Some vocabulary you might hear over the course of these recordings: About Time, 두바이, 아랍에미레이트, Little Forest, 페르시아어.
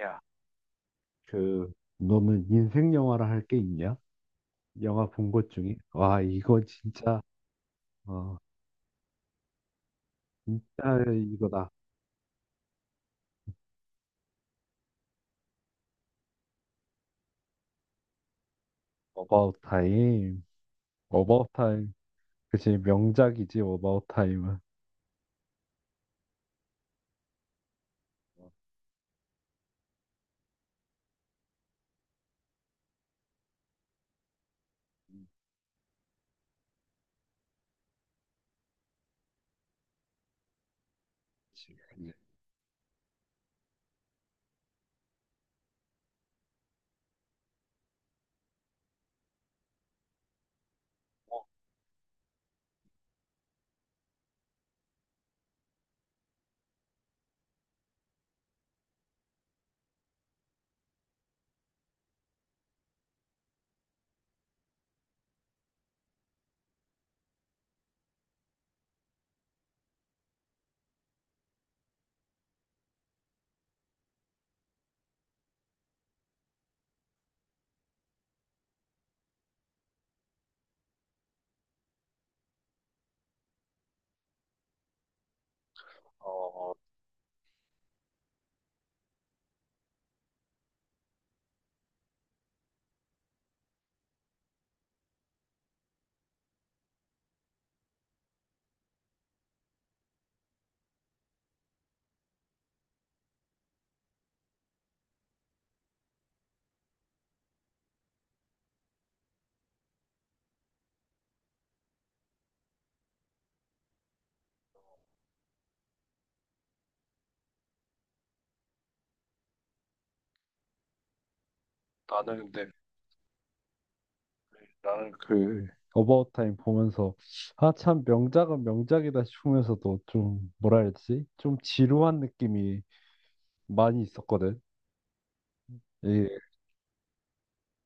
야, 그, 너는 인생 영화라 할 게 있냐? 영화 본 것 중에? 와, 이거 진짜, 어, 진짜 이거다. 어바웃 타임. 어바웃 타임. 그치, 명작이지, 어바웃 타임은. 그치. 그치. 어, 어, 나는 근데 나는 그 어바웃 타임 보면서, 아, 참, 명작은 명작이다 싶으면서도 좀, 뭐라 해야지? 좀 지루한 느낌이 많이 있었거든. 이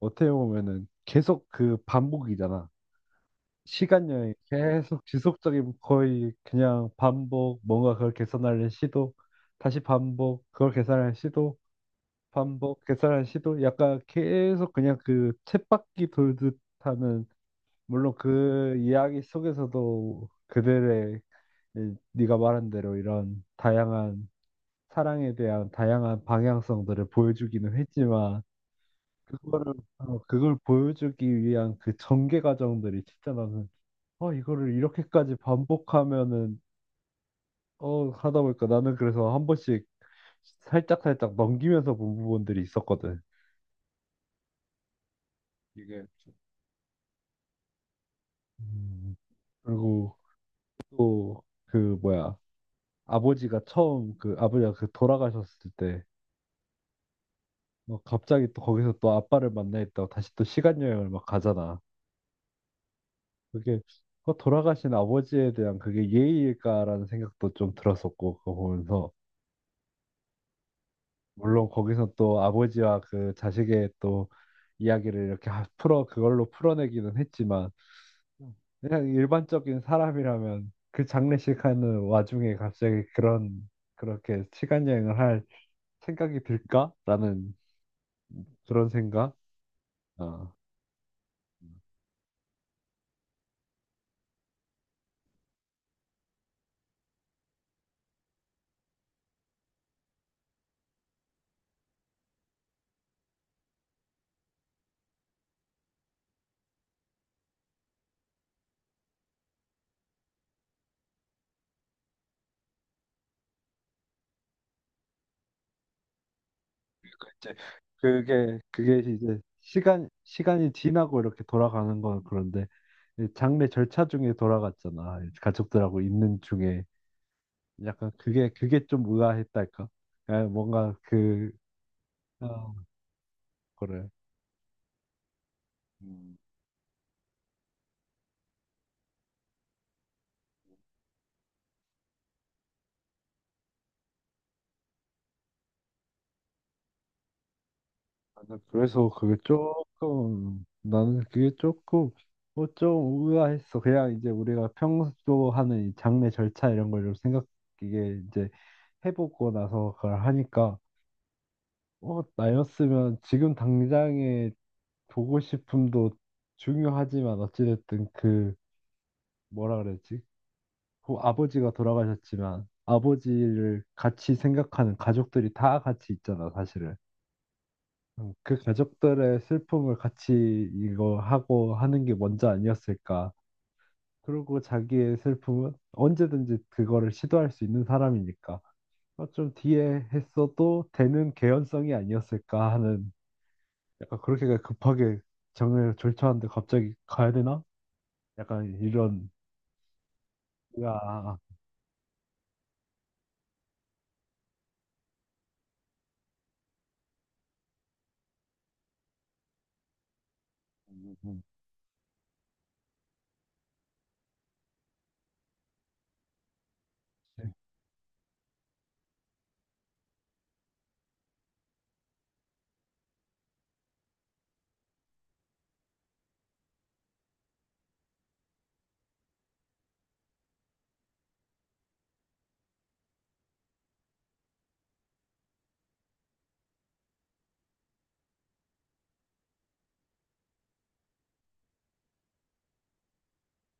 어떻게 보면은 계속 그 반복이잖아. 시간 여행 계속 지속적인 거의 그냥 반복, 뭔가 그걸 개선하려는 시도, 다시 반복, 그걸 개선하는 시도, 반복, 개선하는 시도, 약간 계속 그냥 그 쳇바퀴 돌듯 하는. 물론 그 이야기 속에서도 네가 말한 대로 이런 다양한, 사랑에 대한 다양한 방향성들을 보여주기는 했지만, 그걸 보여주기 위한 그 전개 과정들이 진짜, 이거를 이렇게까지 반복하면은, 하다 보니까 나는 그래서 한 번씩 살짝살짝 넘기면서 본 부분들이 있었거든. 이게. 좀- 음, 그리고 또, 뭐야, 아버지가 그 돌아가셨을 때, 갑자기 또 거기서 또 아빠를 만나있다고 다시 또 시간여행을 막 가잖아. 그게, 돌아가신 아버지에 대한 그게 예의일까라는 생각도 좀 들었었고, 그거 보면서. 물론 거기서 또 아버지와 그 자식의 또 이야기를 이렇게 하- 풀어 그걸로 풀어내기는 했지만, 그냥 일반적인 사람이라면 그 장례식 하는 와중에 갑자기 그런 그렇게 시간 여행을 할 생각이 들까라는 그런 생각. 어. 이제 그게 이제 시간이 지나고 이렇게 돌아가는 건 그런데, 이 장례 절차 중에 돌아갔잖아. 가족들하고 있는 중에 약간 그게 좀 의아했달까? 그 뭔가 그 어, 그래. 음, 나는 그게 조금 뭐좀 의아했어. 그냥 이제 우리가 평소 하는 이 장례 절차 이런 걸 좀 생각, 이게 이제 해보고 나서 그걸 하니까. 나였으면 지금 당장의 보고 싶음도 중요하지만, 어찌됐든 뭐라 그랬지? 그 아버지가 돌아가셨지만 아버지를 같이 생각하는 가족들이 다 같이 있잖아, 사실은. 그 가족들의 슬픔을 같이 이거 하고 하는 게 먼저 아니었을까. 그리고 자기의 슬픔은 언제든지 그거를 시도할 수 있는 사람이니까, 좀 뒤에 했어도 되는 개연성이 아니었을까 하는. 약간 그렇게 급하게 정을 졸차는데 갑자기 가야 되나? 약간 이런 야. 음, 음.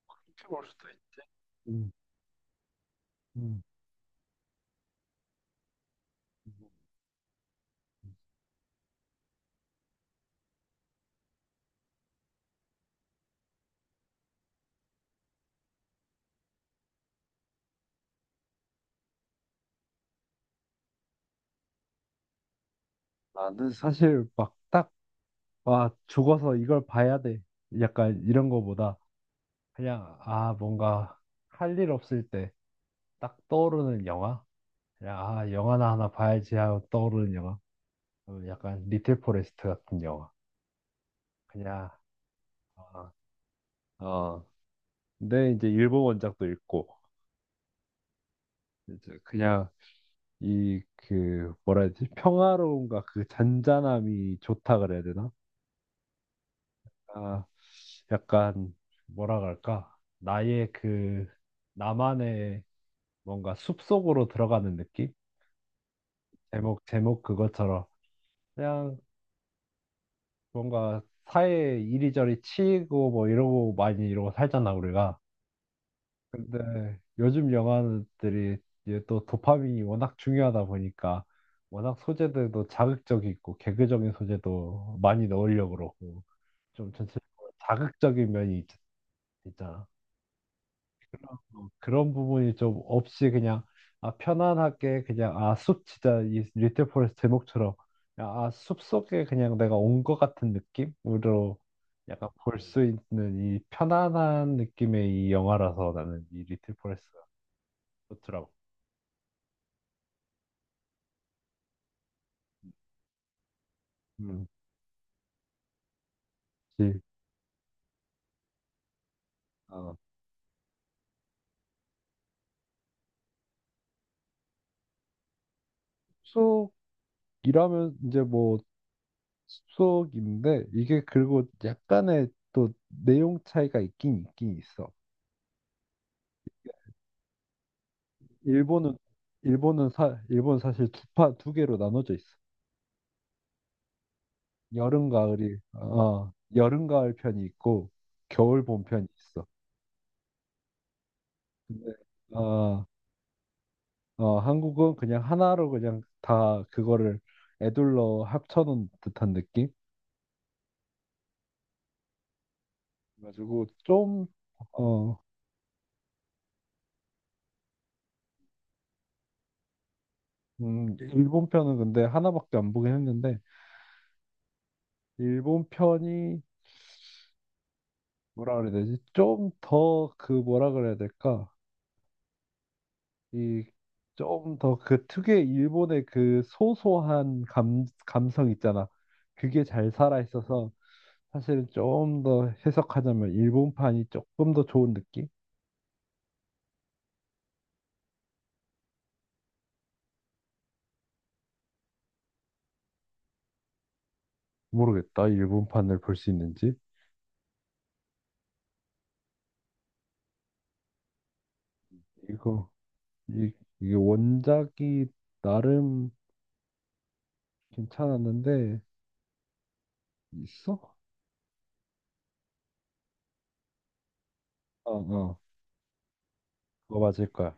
그렇게 볼 수도 있지. 음, 음. 나는 사실 막 딱, 와, 죽어서 이걸 봐야 돼. 약간 이런 거보다 그냥, 아, 뭔가 할 일 없을 때 딱 떠오르는 영화? 그냥, 아, 영화나 하나 봐야지 하고 떠오르는 영화? 약간 리틀 포레스트 같은 영화. 그냥, 어, 어. 근데 이제 일본 원작도 읽고, 이제 그냥 뭐라 해야 되지? 평화로움과 그 잔잔함이 좋다 그래야 되나? 아, 약간 뭐라 그럴까? 나의 그 나만의, 뭔가 숲속으로 들어가는 느낌? 제목 그것처럼, 그냥 뭔가 사회 이리저리 치이고 뭐 이러고 많이 이러고 살잖아 우리가. 근데 요즘 영화들이 이제 또 도파민이 워낙 중요하다 보니까 워낙 소재들도 자극적이고 개그적인 소재도 많이 넣으려고 그러고, 좀 전체적으로 자극적인 면이 있, 잖아. 그런 부분이 좀 없이 그냥, 아 편안하게, 그냥 아 숲 진짜 이 리틀 포레스트 제목처럼 아숲 속에 그냥 내가 온 것 같은 느낌으로 약간 볼 수 있는, 이 편안한 느낌의 이 영화라서 나는 이 리틀 포레스트가 좋더라고. 음. 그치. 어, 숲속이라면, 이제 뭐 숲속인데, 이게, 그리고 약간의 또 내용 차이가 있긴 있긴 있어. 일본은 일본은, 사 일본 사실 두 개로 나눠져 있어. 여름 가을 편이 있고, 겨울 봄 편이 있어. 근데 어, 한국은 그냥 하나로 그냥 다 그거를 애둘러 합쳐놓은 듯한 느낌? 가지고 좀. 어, 일본 편은 근데 하나밖에 안 보긴 했는데, 일본 편이, 뭐라 그래야 되지? 좀 더 그, 뭐라 그래야 될까? 이 좀 더 그 특유의 일본의 그 소소한 감성 있잖아. 그게 잘 살아 있어서, 사실은 좀 더 해석하자면 일본판이 조금 더 좋은 느낌? 모르겠다, 일본판을 볼 수 있는지. 이거 이, 이게 원작이 나름 괜찮았는데. 있어? 어, 어. 그거 맞을 거야.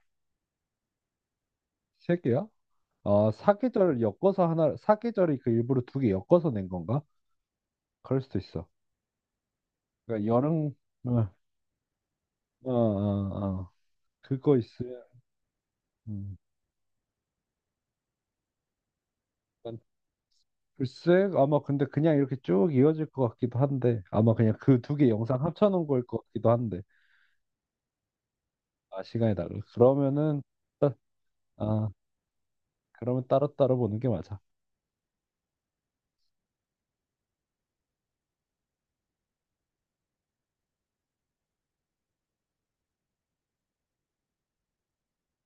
세 개야? 아, 사계절 엮어서 하나, 사계절이 그 일부러 두 개 엮어서 낸 건가? 그럴 수도 있어. 그러니까 여름. 어. 어, 어, 어. 그거 있으면, 음. 난 글쎄, 아마 근데 그냥 이렇게 쭉 이어질 것 같기도 한데, 아마 그냥 그 두 개 영상 합쳐놓은 걸 것 같기도 한데, 아, 시간이 달라. 그러면은, 아, 그러면 따로따로 보는 게 맞아.